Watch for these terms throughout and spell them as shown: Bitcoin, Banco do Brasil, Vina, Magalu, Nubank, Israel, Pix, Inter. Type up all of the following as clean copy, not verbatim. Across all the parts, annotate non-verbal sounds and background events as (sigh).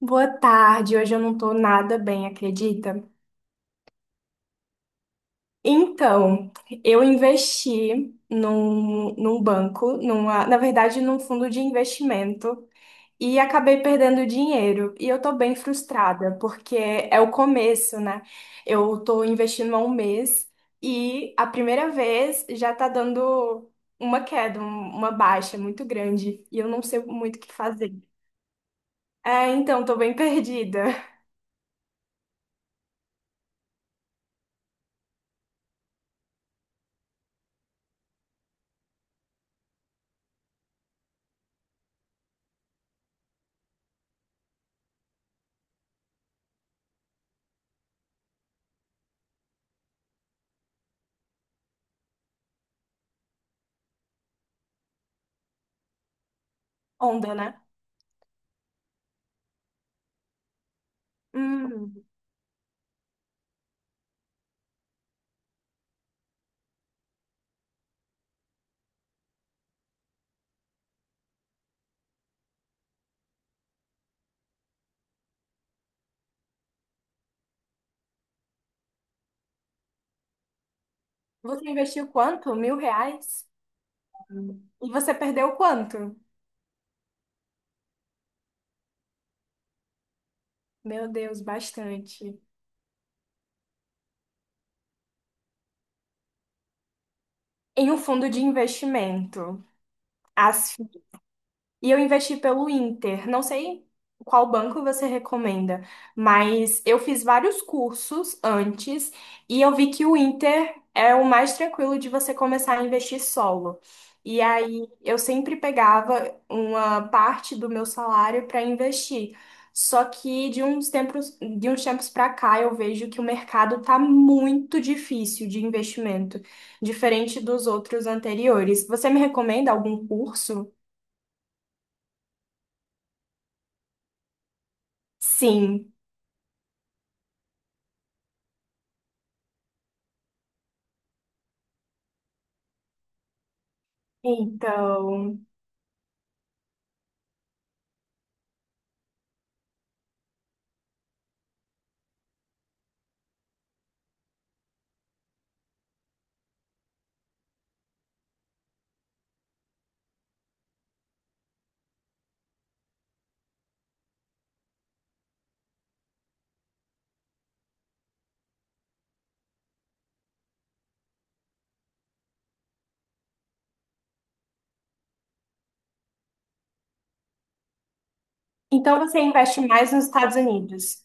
Boa tarde, hoje eu não tô nada bem, acredita? Então, eu investi num banco, na verdade, num fundo de investimento e acabei perdendo dinheiro. E eu tô bem frustrada, porque é o começo, né? Eu tô investindo há um mês e a primeira vez já tá dando uma queda, uma baixa muito grande e eu não sei muito o que fazer. É, então, tô bem (laughs) perdida. Onda, né? Hum. Você investiu quanto? Mil reais? E você perdeu quanto? Meu Deus, bastante. Em um fundo de investimento. As E eu investi pelo Inter. Não sei qual banco você recomenda, mas eu fiz vários cursos antes e eu vi que o Inter é o mais tranquilo de você começar a investir solo. E aí eu sempre pegava uma parte do meu salário para investir. Só que de uns tempos para cá eu vejo que o mercado tá muito difícil de investimento, diferente dos outros anteriores. Você me recomenda algum curso? Sim. Então, então você investe mais nos Estados Unidos.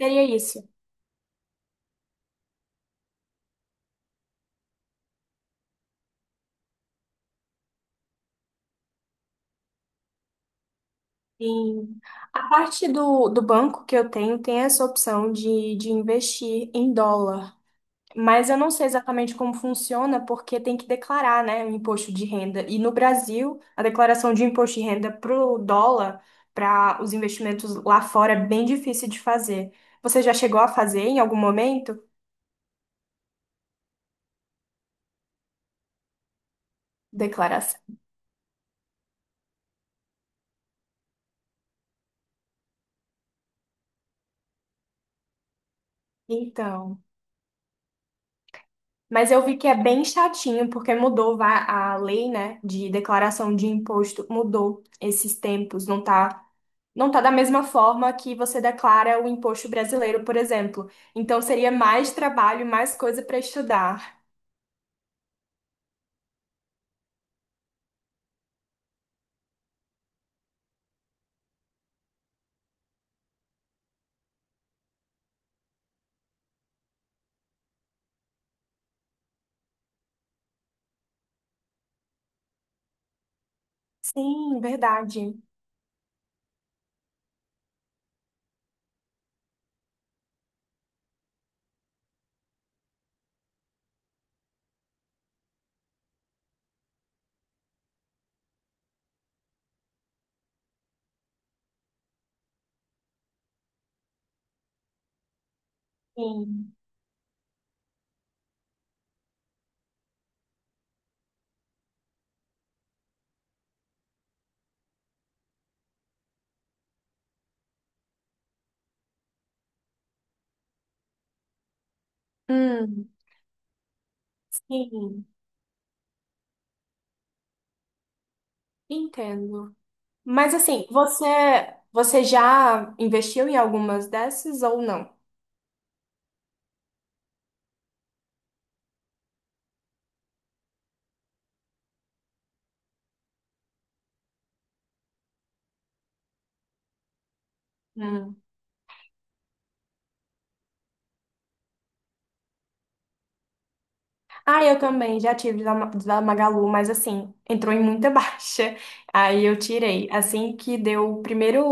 Seria isso. Sim. A parte do banco que eu tenho tem essa opção de investir em dólar. Mas eu não sei exatamente como funciona, porque tem que declarar, né, o imposto de renda. E no Brasil, a declaração de imposto de renda para o dólar, para os investimentos lá fora, é bem difícil de fazer. Você já chegou a fazer em algum momento? Declaração. Então. Mas eu vi que é bem chatinho, porque mudou a lei, né, de declaração de imposto, mudou esses tempos, não tá da mesma forma que você declara o imposto brasileiro, por exemplo. Então seria mais trabalho, mais coisa para estudar. Sim, verdade. Sim. Hum, sim, entendo. Mas assim, você já investiu em algumas dessas ou não? Ah, eu também já tive da Magalu, mas assim, entrou em muita (laughs) baixa. Aí eu tirei. Assim que deu o primeiro,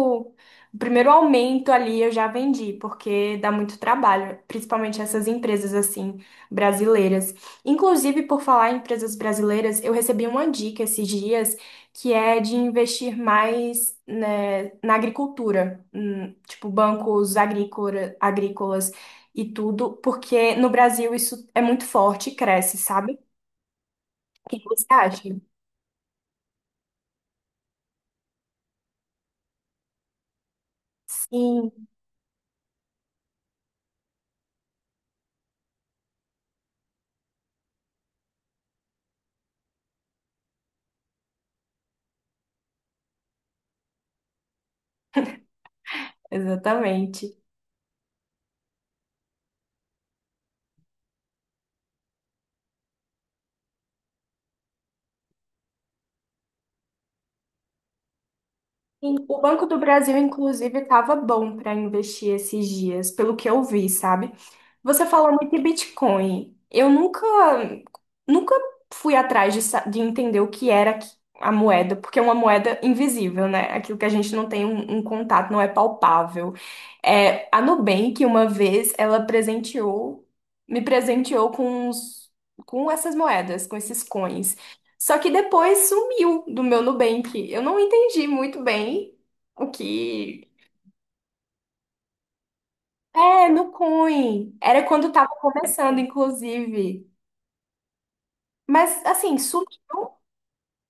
o primeiro aumento ali, eu já vendi, porque dá muito trabalho, principalmente essas empresas assim, brasileiras. Inclusive, por falar em empresas brasileiras, eu recebi uma dica esses dias que é de investir mais, né, na agricultura, tipo bancos agrícolas e tudo, porque no Brasil isso é muito forte e cresce, sabe? O que você acha? Sim, exatamente. Sim, o Banco do Brasil, inclusive, estava bom para investir esses dias, pelo que eu vi, sabe? Você fala muito de Bitcoin. Eu nunca, nunca fui atrás de entender o que era a moeda, porque é uma moeda invisível, né? Aquilo que a gente não tem um contato, não é palpável. É, a Nubank, uma vez, me presenteou com essas moedas, com esses coins. Só que depois sumiu do meu Nubank. Eu não entendi muito bem o que. É, no coin. Era quando tava começando, inclusive. Mas assim, sumiu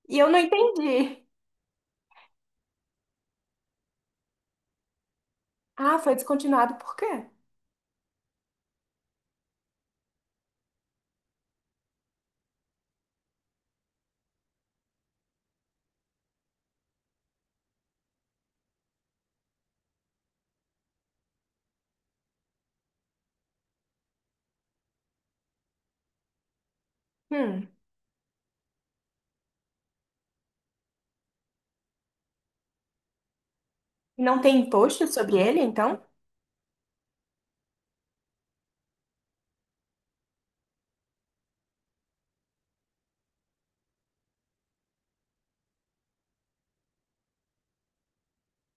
e eu não entendi. Ah, foi descontinuado por quê? Hum. E não tem imposto sobre ele, então?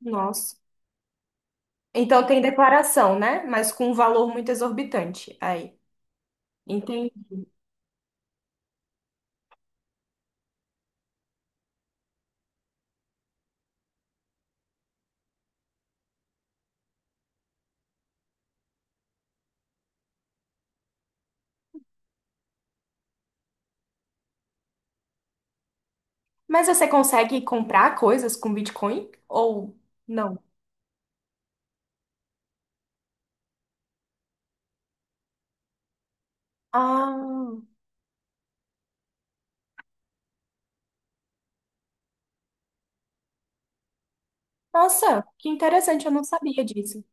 Nossa. Então tem declaração, né? Mas com um valor muito exorbitante. Aí. Entendi. Mas você consegue comprar coisas com Bitcoin ou não? Ah, nossa, que interessante, eu não sabia disso.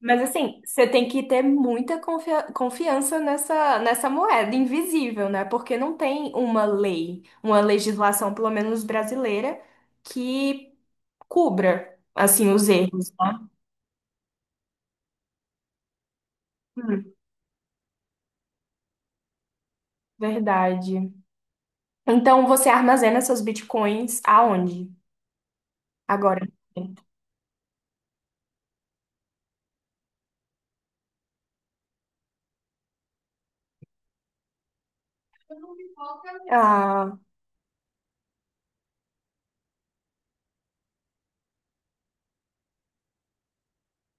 Mas assim, você tem que ter muita confiança nessa moeda invisível, né? Porque não tem uma lei, uma legislação, pelo menos brasileira, que cubra, assim, os erros, né? Hum, verdade. Então, você armazena seus bitcoins aonde? Agora. Ah,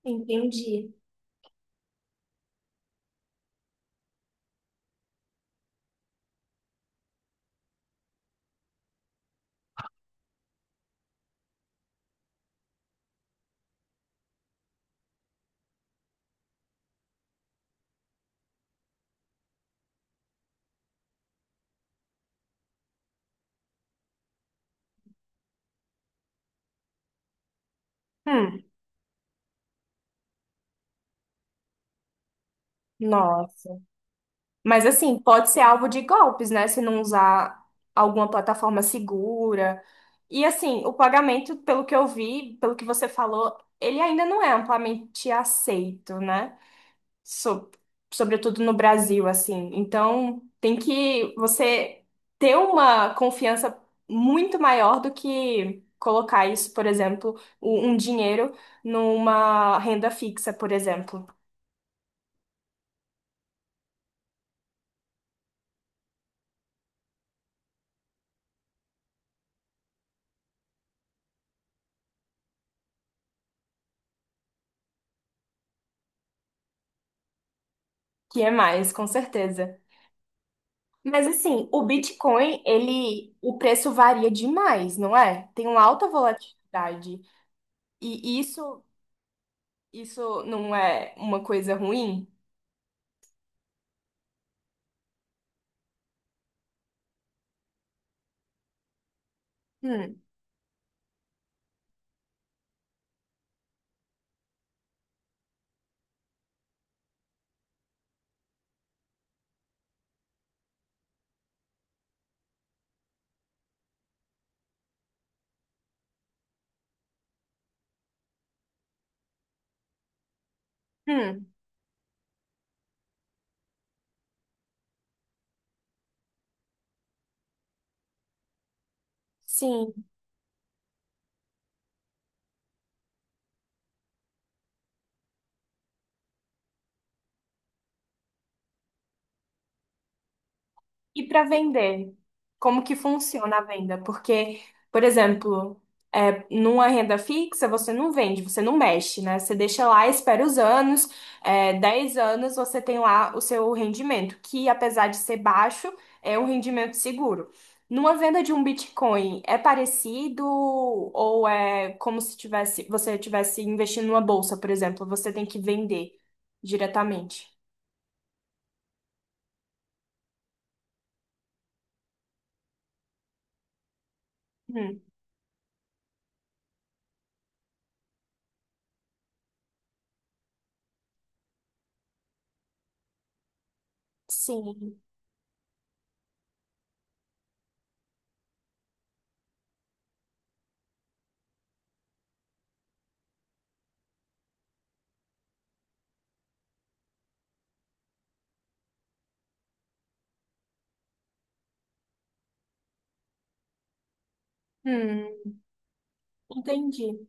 entendi. Hum, nossa. Mas assim, pode ser alvo de golpes, né? Se não usar alguma plataforma segura. E assim, o pagamento, pelo que eu vi, pelo que você falou, ele ainda não é amplamente aceito, né? So- Sobretudo no Brasil, assim. Então, tem que você ter uma confiança muito maior do que colocar isso, por exemplo, um dinheiro numa renda fixa, por exemplo, que é mais, com certeza. Mas assim, o Bitcoin, o preço varia demais, não é? Tem uma alta volatilidade. E isso Isso não é uma coisa ruim? Hum, hum, sim. E para vender, como que funciona a venda? Porque, por exemplo, numa renda fixa você não vende, você não mexe, né? Você deixa lá, espera os anos, 10 anos você tem lá o seu rendimento, que apesar de ser baixo, é um rendimento seguro. Numa venda de um Bitcoin, é parecido ou é como se você tivesse investindo numa bolsa, por exemplo, você tem que vender diretamente? Hum, sim. Hum, entendi.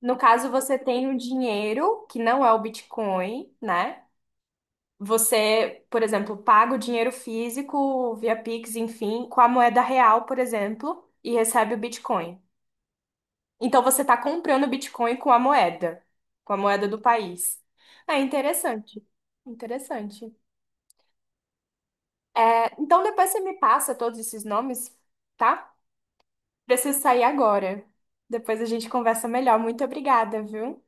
No caso, você tem o dinheiro, que não é o Bitcoin, né? Você, por exemplo, paga o dinheiro físico via Pix, enfim, com a moeda real, por exemplo, e recebe o Bitcoin. Então você está comprando Bitcoin com a moeda do país. É interessante. Interessante. É, então depois você me passa todos esses nomes, tá? Preciso sair agora. Depois a gente conversa melhor. Muito obrigada, viu?